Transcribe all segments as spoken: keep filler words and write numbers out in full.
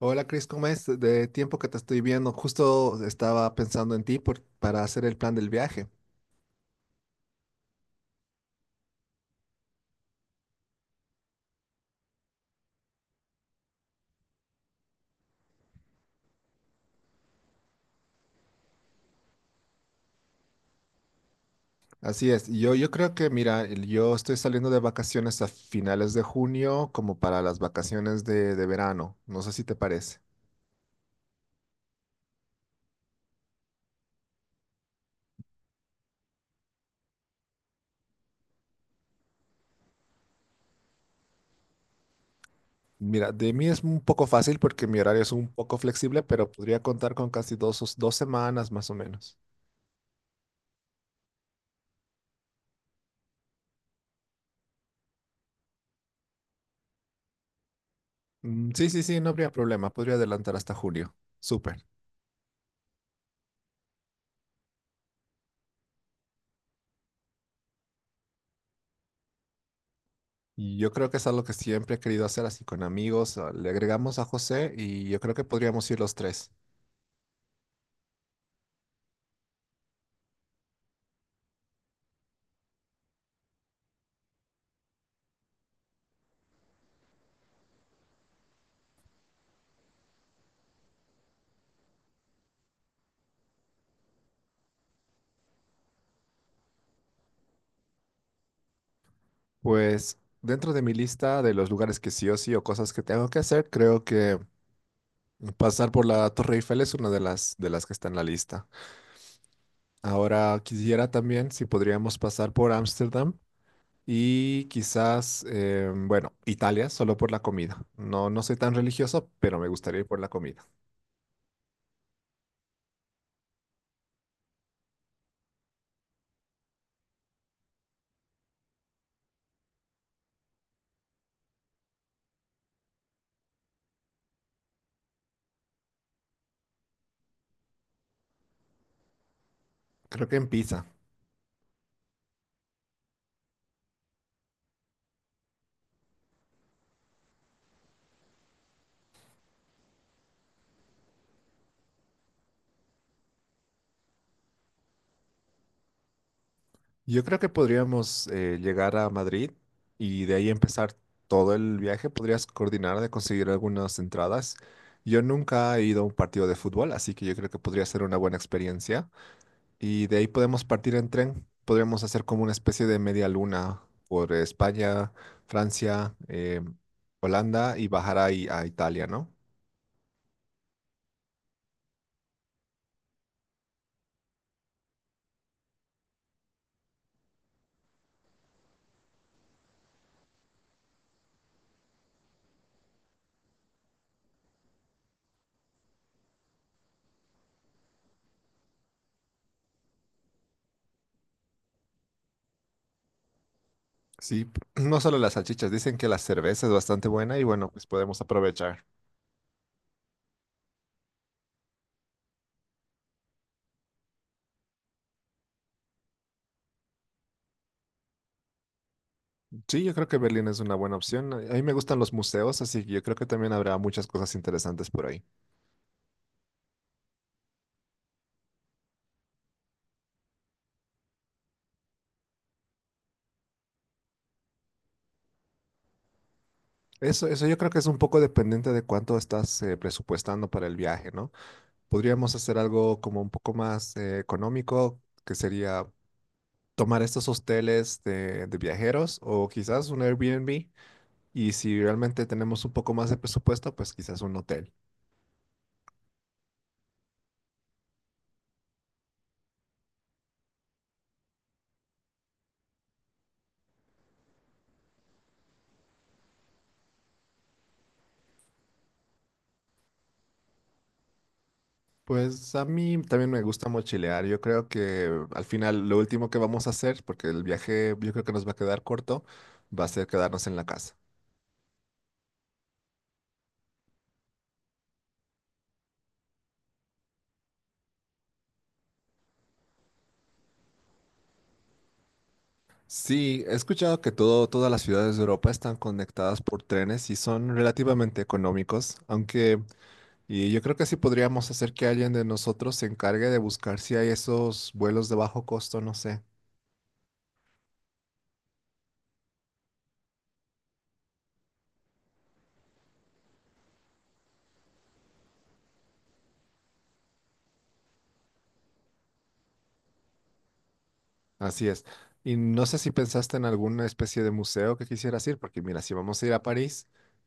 Hola Chris, ¿cómo es? De tiempo que te estoy viendo, justo estaba pensando en ti por- para hacer el plan del viaje. Así es, yo, yo creo que, mira, el- yo estoy saliendo de vacaciones a finales de junio como para las vacaciones de, de verano, no sé si te parece. Mira, de mí es un poco fácil porque mi horario es un poco flexible, pero podría contar con casi dos, dos semanas más o menos. Mm, sí, sí, sí, no habría problema, podría adelantar hasta julio. Súper. Y yo creo que es algo que siempre he querido hacer así con amigos. ah, Le agregamos a José y yo creo que podríamos ir los tres. Pues dentro de mi lista de los lugares que sí o sí o cosas que tengo que hacer, creo que pasar por la Torre Eiffel es una de las de las que está en la lista. Ahora quisiera también si podríamos pasar por Ámsterdam y quizás eh, bueno, Italia solo por la comida. No no soy tan religioso, pero me gustaría ir por la comida. Creo que en Pisa. Yo creo que podríamos eh, llegar a Madrid y de ahí empezar todo el viaje. Podrías coordinar de conseguir algunas entradas. Yo nunca he ido a un partido de fútbol, así que yo creo que podría ser una buena experiencia. Y de ahí podemos partir en tren. Podríamos hacer como una especie de media luna por España, Francia, eh, Holanda y bajar ahí a Italia, ¿no? Sí, no solo las salchichas, dicen que la cerveza es bastante buena y bueno, pues podemos aprovechar. Sí, yo creo que Berlín es una buena opción. A a mí me gustan los museos, así que yo creo que también habrá muchas cosas interesantes por ahí. Eso, eso yo creo que es un poco dependiente de cuánto estás eh, presupuestando para el viaje, ¿no? Podríamos hacer algo como un poco más eh, económico, que sería tomar estos hosteles de, de viajeros o quizás un Airbnb. Y si realmente tenemos un poco más de presupuesto, pues quizás un hotel. Pues a mí también me gusta mochilear. Yo creo que al final lo último que vamos a hacer, porque el viaje yo creo que nos va a quedar corto, va a ser quedarnos en la casa. Sí, he escuchado que todo, todas las ciudades de Europa están conectadas por trenes y son relativamente económicos, aunque y yo creo que sí podríamos hacer que alguien de nosotros se encargue de buscar si hay esos vuelos de bajo costo, no sé. Así es. Y no sé si pensaste en alguna especie de museo que quisieras ir, porque mira, si vamos a ir a París,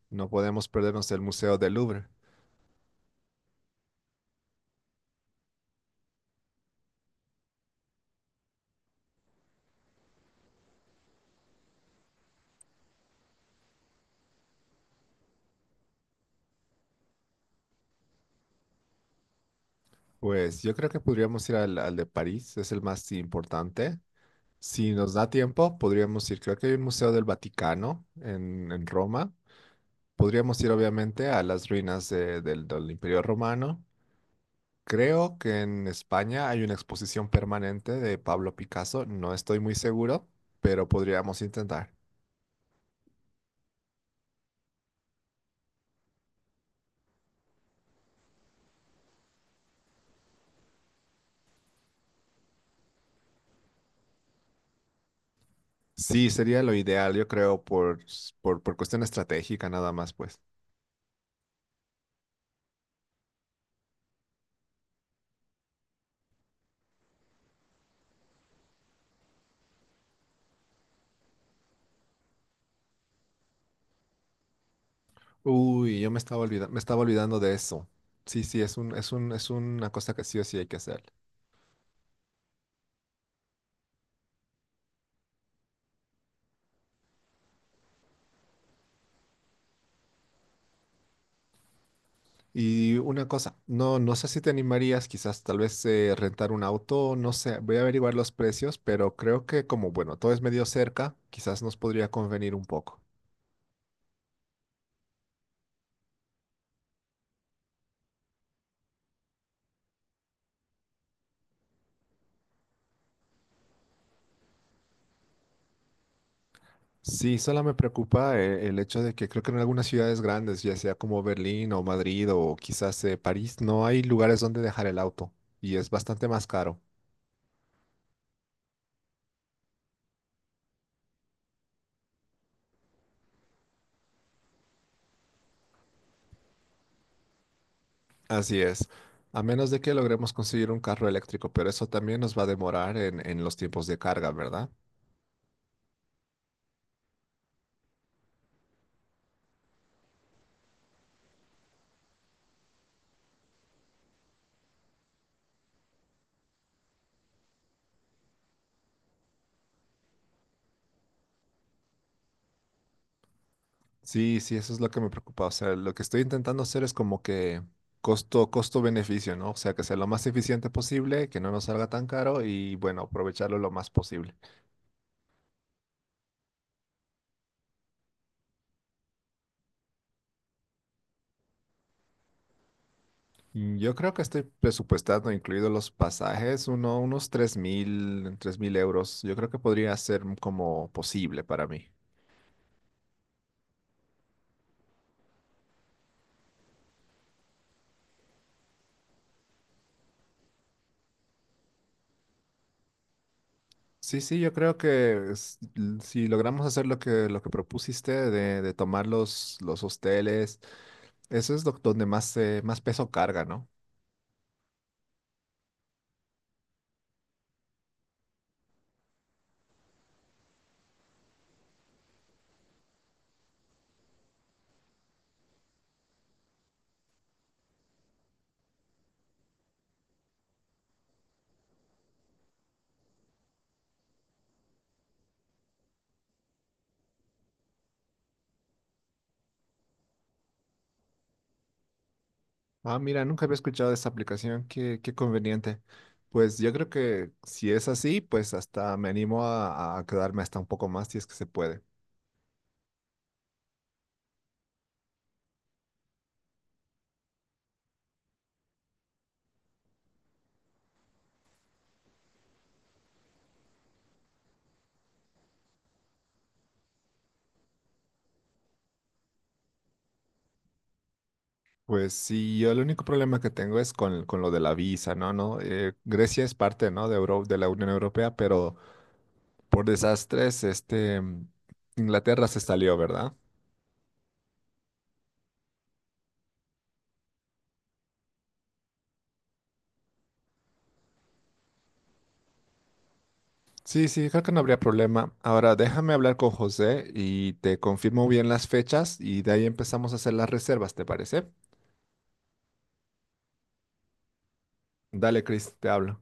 no podemos perdernos el Museo del Louvre. Pues yo creo que podríamos ir al, al de París, es el más importante. Si nos da tiempo, podríamos ir, creo que hay un Museo del Vaticano en, en Roma. Podríamos ir obviamente a las ruinas de- del, del Imperio Romano. Creo que en España hay una exposición permanente de Pablo Picasso, no estoy muy seguro, pero podríamos intentar. Sí, sería lo ideal, yo creo, por, s- por, por cuestión estratégica nada más, pues. Uy, yo me estaba olvidando, me estaba olvidando de eso. Sí, sí, es un, es un, es una cosa que sí o sí hay que hacer. Y una cosa, no, no sé si te animarías, quizás tal vez eh, rentar un auto, no sé, voy a averiguar los precios, pero creo que como, bueno, todo es medio cerca, quizás nos podría convenir un poco. Sí, solo me preocupa eh, el hecho de que creo que en algunas ciudades grandes, ya sea como Berlín o Madrid o quizás eh, París, no hay lugares donde dejar el auto y es bastante más caro. Así es, a menos de que logremos conseguir un carro eléctrico, pero eso también nos va a demorar en, en los tiempos de carga, ¿verdad? Sí, sí, eso es lo que me preocupa. O sea, lo que estoy intentando hacer es como que costo, costo-beneficio, ¿no? O sea, que sea lo más eficiente posible, que no nos salga tan caro y bueno, aprovecharlo lo más posible. Mm, Yo creo que estoy presupuestando, incluidos los pasajes, uno, unos tres mil, tres mil euros. Yo creo que podría ser como posible para mí. Sí, sí, yo creo que s- l- si logramos hacer lo que, lo que propusiste de, de tomar los, los hosteles, eso es lo- donde más, eh, más peso carga, ¿no? Ah, mira, nunca había escuchado de esta aplicación, qué, qué conveniente. Pues yo creo que si es así, pues hasta me animo a, a quedarme hasta un poco más si es que se puede. Pues sí, yo el único problema que tengo es con, con lo de la visa, ¿no? ¿No? Eh, Grecia es parte, ¿no? De Euro- de la Unión Europea, pero por desastres, este, mm, Inglaterra se salió, ¿verdad? Sí, sí, creo que no habría problema. Ahora déjame hablar con José y te confirmo bien las fechas y de ahí empezamos a hacer las reservas, ¿te parece? Dale, Chris, te hablo.